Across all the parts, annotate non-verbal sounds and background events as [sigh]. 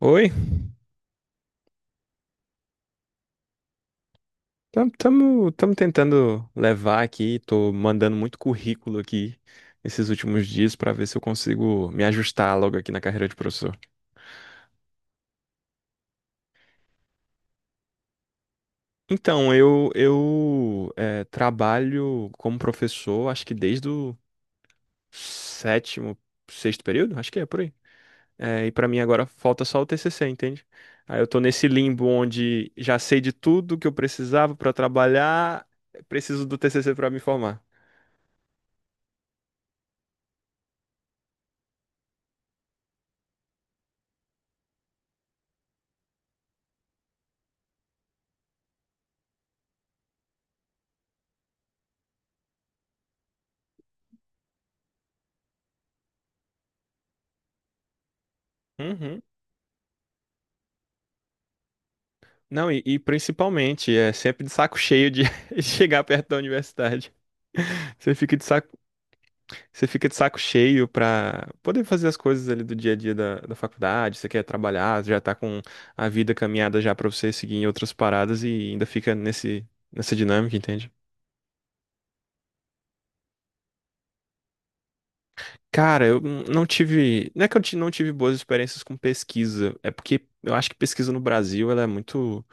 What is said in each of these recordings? Oi, estamos tentando levar aqui, tô mandando muito currículo aqui esses últimos dias para ver se eu consigo me ajustar logo aqui na carreira de professor. Então, eu trabalho como professor, acho que desde o sétimo, sexto período, acho que é por aí. E para mim agora falta só o TCC, entende? Aí eu tô nesse limbo onde já sei de tudo que eu precisava para trabalhar, preciso do TCC para me formar. Não, e principalmente, é sempre de saco cheio de [laughs] chegar perto da universidade. Você fica de saco, Você fica de saco cheio pra poder fazer as coisas ali do dia a dia da faculdade. Você quer trabalhar, já tá com a vida caminhada já pra você seguir em outras paradas e ainda fica nessa dinâmica, entende? Cara, eu não tive. Não é que não tive boas experiências com pesquisa. É porque eu acho que pesquisa no Brasil ela é muito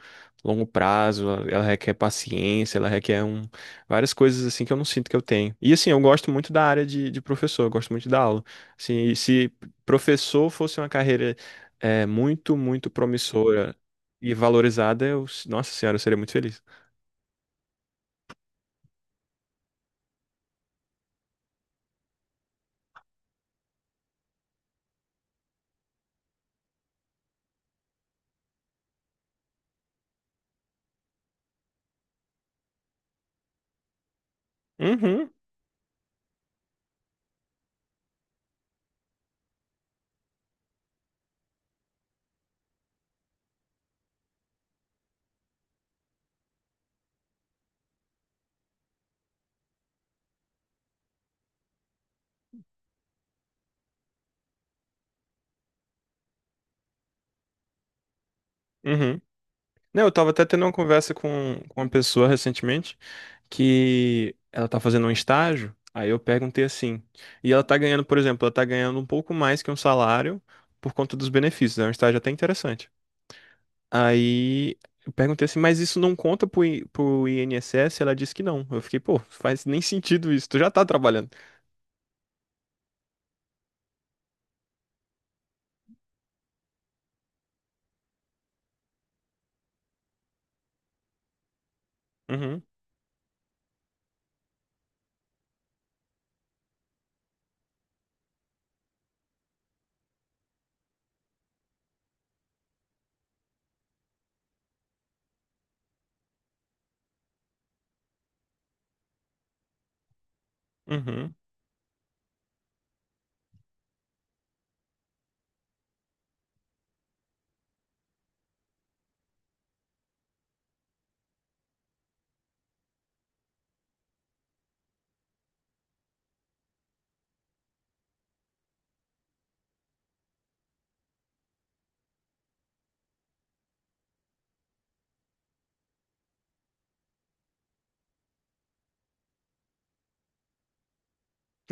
longo prazo, ela requer paciência, ela requer várias coisas assim que eu não sinto que eu tenho. E assim, eu gosto muito da área de professor, eu gosto muito da aula. Assim, e se professor fosse uma carreira muito, muito promissora e valorizada, eu, nossa senhora, eu seria muito feliz. Uhum, uhum. Não, eu tava até tendo uma conversa com uma pessoa recentemente que ela tá fazendo um estágio, aí eu perguntei assim, e ela tá ganhando, por exemplo, ela tá ganhando um pouco mais que um salário por conta dos benefícios, é um estágio até interessante. Aí eu perguntei assim, mas isso não conta pro INSS? Ela disse que não. Eu fiquei, pô, faz nem sentido isso, tu já tá trabalhando. Uhum, uhum,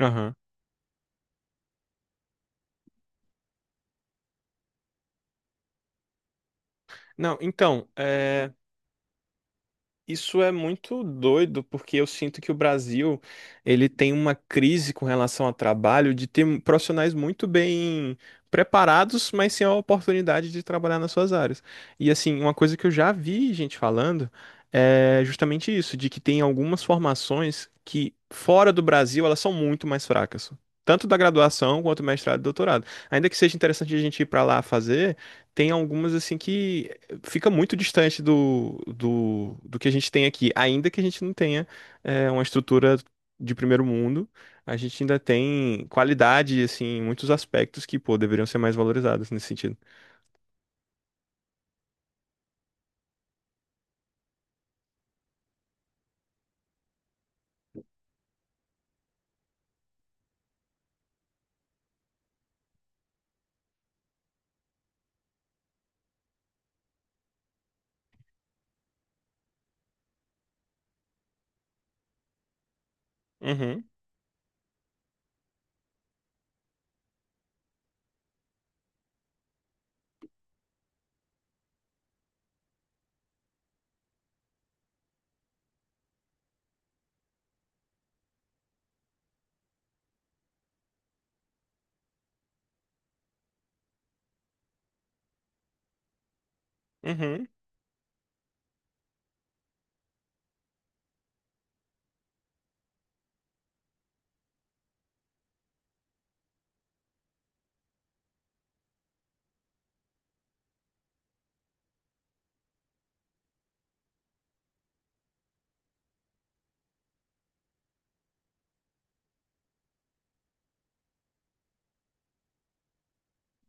aham. Não, então, é. Isso é muito doido, porque eu sinto que o Brasil, ele tem uma crise com relação ao trabalho de ter profissionais muito bem preparados, mas sem a oportunidade de trabalhar nas suas áreas. E assim, uma coisa que eu já vi gente falando é justamente isso, de que tem algumas formações que fora do Brasil, elas são muito mais fracas. Tanto da graduação quanto mestrado e doutorado. Ainda que seja interessante a gente ir para lá fazer, tem algumas assim que fica muito distante do que a gente tem aqui, ainda que a gente não tenha uma estrutura de primeiro mundo, a gente ainda tem qualidade, assim, em muitos aspectos que, pô, deveriam ser mais valorizados nesse sentido. Uhum, uhum.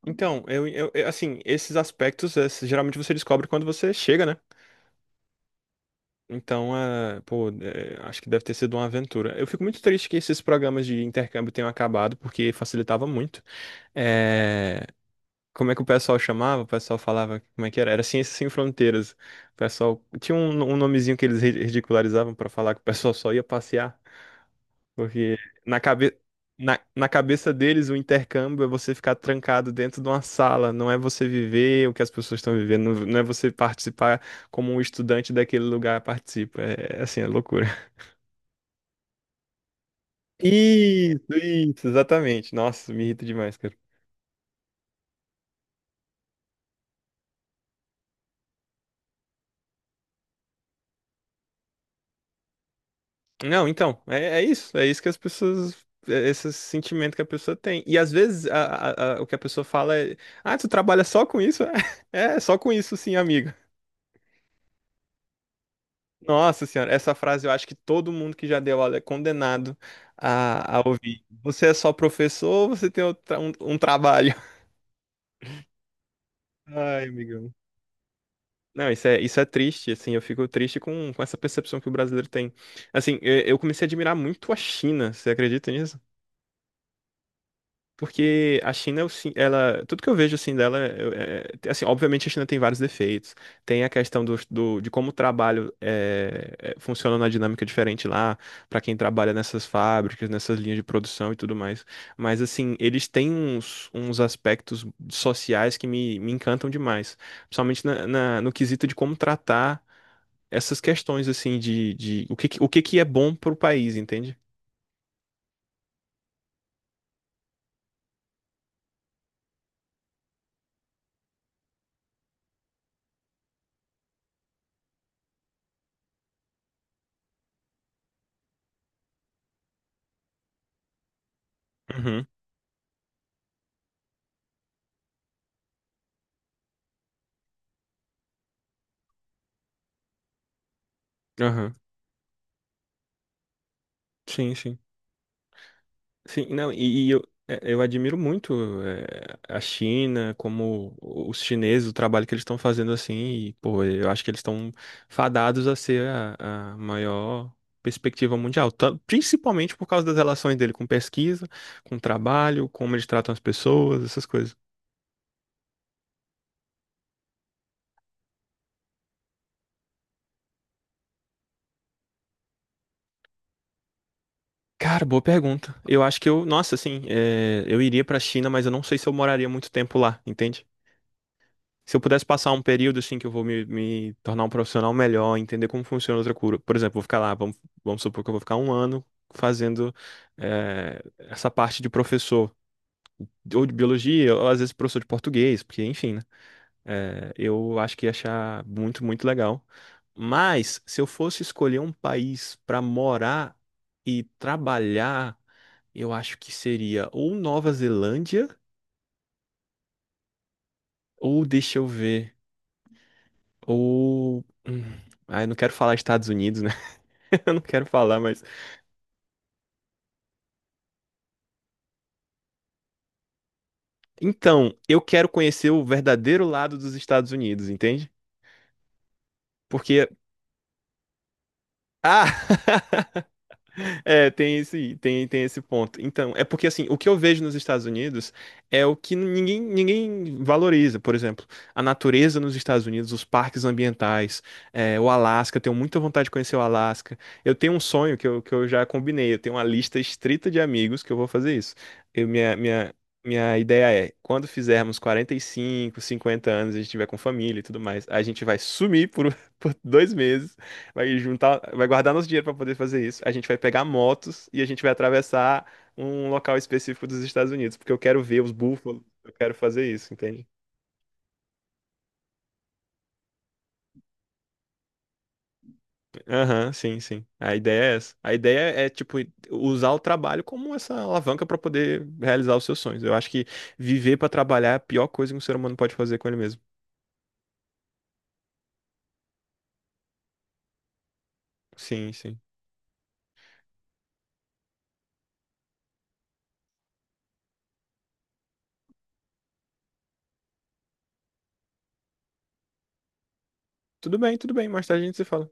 Então, assim, esses aspectos, geralmente você descobre quando você chega, né? Então, pô, acho que deve ter sido uma aventura. Eu fico muito triste que esses programas de intercâmbio tenham acabado, porque facilitava muito. É, Como é que o pessoal chamava? O pessoal falava, como é que era? Era Ciências Sem Fronteiras. O pessoal tinha um nomezinho que eles ridicularizavam pra falar que o pessoal só ia passear, porque na cabe... na cabeça deles o intercâmbio é você ficar trancado dentro de uma sala, não é você viver o que as pessoas estão vivendo, não é você participar como um estudante daquele lugar participa. É assim, é loucura. Isso, exatamente. Nossa, me irrita demais, cara. Não, então, é isso que as pessoas, é esse sentimento que a pessoa tem. E às vezes o que a pessoa fala é, ah, tu trabalha só com isso? [laughs] É, só com isso sim, amigo. Nossa senhora, essa frase eu acho que todo mundo que já deu aula é condenado a ouvir. Você é só professor ou você tem um trabalho? [laughs] Ai, amigão. Não, isso é triste, assim, eu fico triste com essa percepção que o brasileiro tem. Assim, eu comecei a admirar muito a China, você acredita nisso? Porque a China, ela, tudo que eu vejo assim dela, assim, obviamente a China tem vários defeitos. Tem a questão de como o trabalho funciona na dinâmica diferente lá, para quem trabalha nessas fábricas, nessas linhas de produção e tudo mais. Mas assim, eles têm uns aspectos sociais que me encantam demais, principalmente no quesito de como tratar essas questões assim de o que que é bom para o país, entende? Uhum, aham. Sim, sim. Sim, não, e eu admiro muito é, a China, como os chineses, o trabalho que eles estão fazendo assim, e, pô, eu acho que eles estão fadados a ser a maior perspectiva mundial, principalmente por causa das relações dele com pesquisa, com trabalho, como eles tratam as pessoas, essas coisas. Cara, boa pergunta. Eu acho que eu, nossa, assim, eu iria pra China, mas eu não sei se eu moraria muito tempo lá, entende? Se eu pudesse passar um período, assim, que eu vou me tornar um profissional melhor, entender como funciona outra cultura. Por exemplo, vou ficar lá, vamos supor que eu vou ficar um ano fazendo essa parte de professor, ou de biologia, ou às vezes professor de português, porque, enfim, né? Eu acho que ia achar muito, muito legal. Mas, se eu fosse escolher um país pra morar e trabalhar. Eu acho que seria ou Nova Zelândia, ou deixa eu ver, ou. hum, Ah, eu não quero falar Estados Unidos, né? [laughs] Eu não quero falar, mas. Então, eu quero conhecer o verdadeiro lado dos Estados Unidos, entende? Porque. Ah! [laughs] É, tem esse, tem esse ponto. Então, é porque assim, o que eu vejo nos Estados Unidos é o que ninguém valoriza. Por exemplo, a natureza nos Estados Unidos, os parques ambientais, o Alasca. Eu tenho muita vontade de conhecer o Alasca. Eu tenho um sonho que que eu já combinei. Eu tenho uma lista estrita de amigos que eu vou fazer isso. Eu, minha, minha, minha ideia é, quando fizermos 45, 50 anos, a gente tiver com família e tudo mais, a gente vai sumir por, [laughs] por 2 meses. Vai juntar, vai guardar nosso dinheiro para poder fazer isso. A gente vai pegar motos e a gente vai atravessar um local específico dos Estados Unidos, porque eu quero ver os búfalos. Eu quero fazer isso, entende? Aham, sim, sim. A ideia é essa. A ideia é, tipo, usar o trabalho como essa alavanca para poder realizar os seus sonhos. Eu acho que viver para trabalhar é a pior coisa que um ser humano pode fazer com ele mesmo. Sim, sim. Tudo bem, tudo bem. Mais tarde a gente se fala.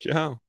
Tchau.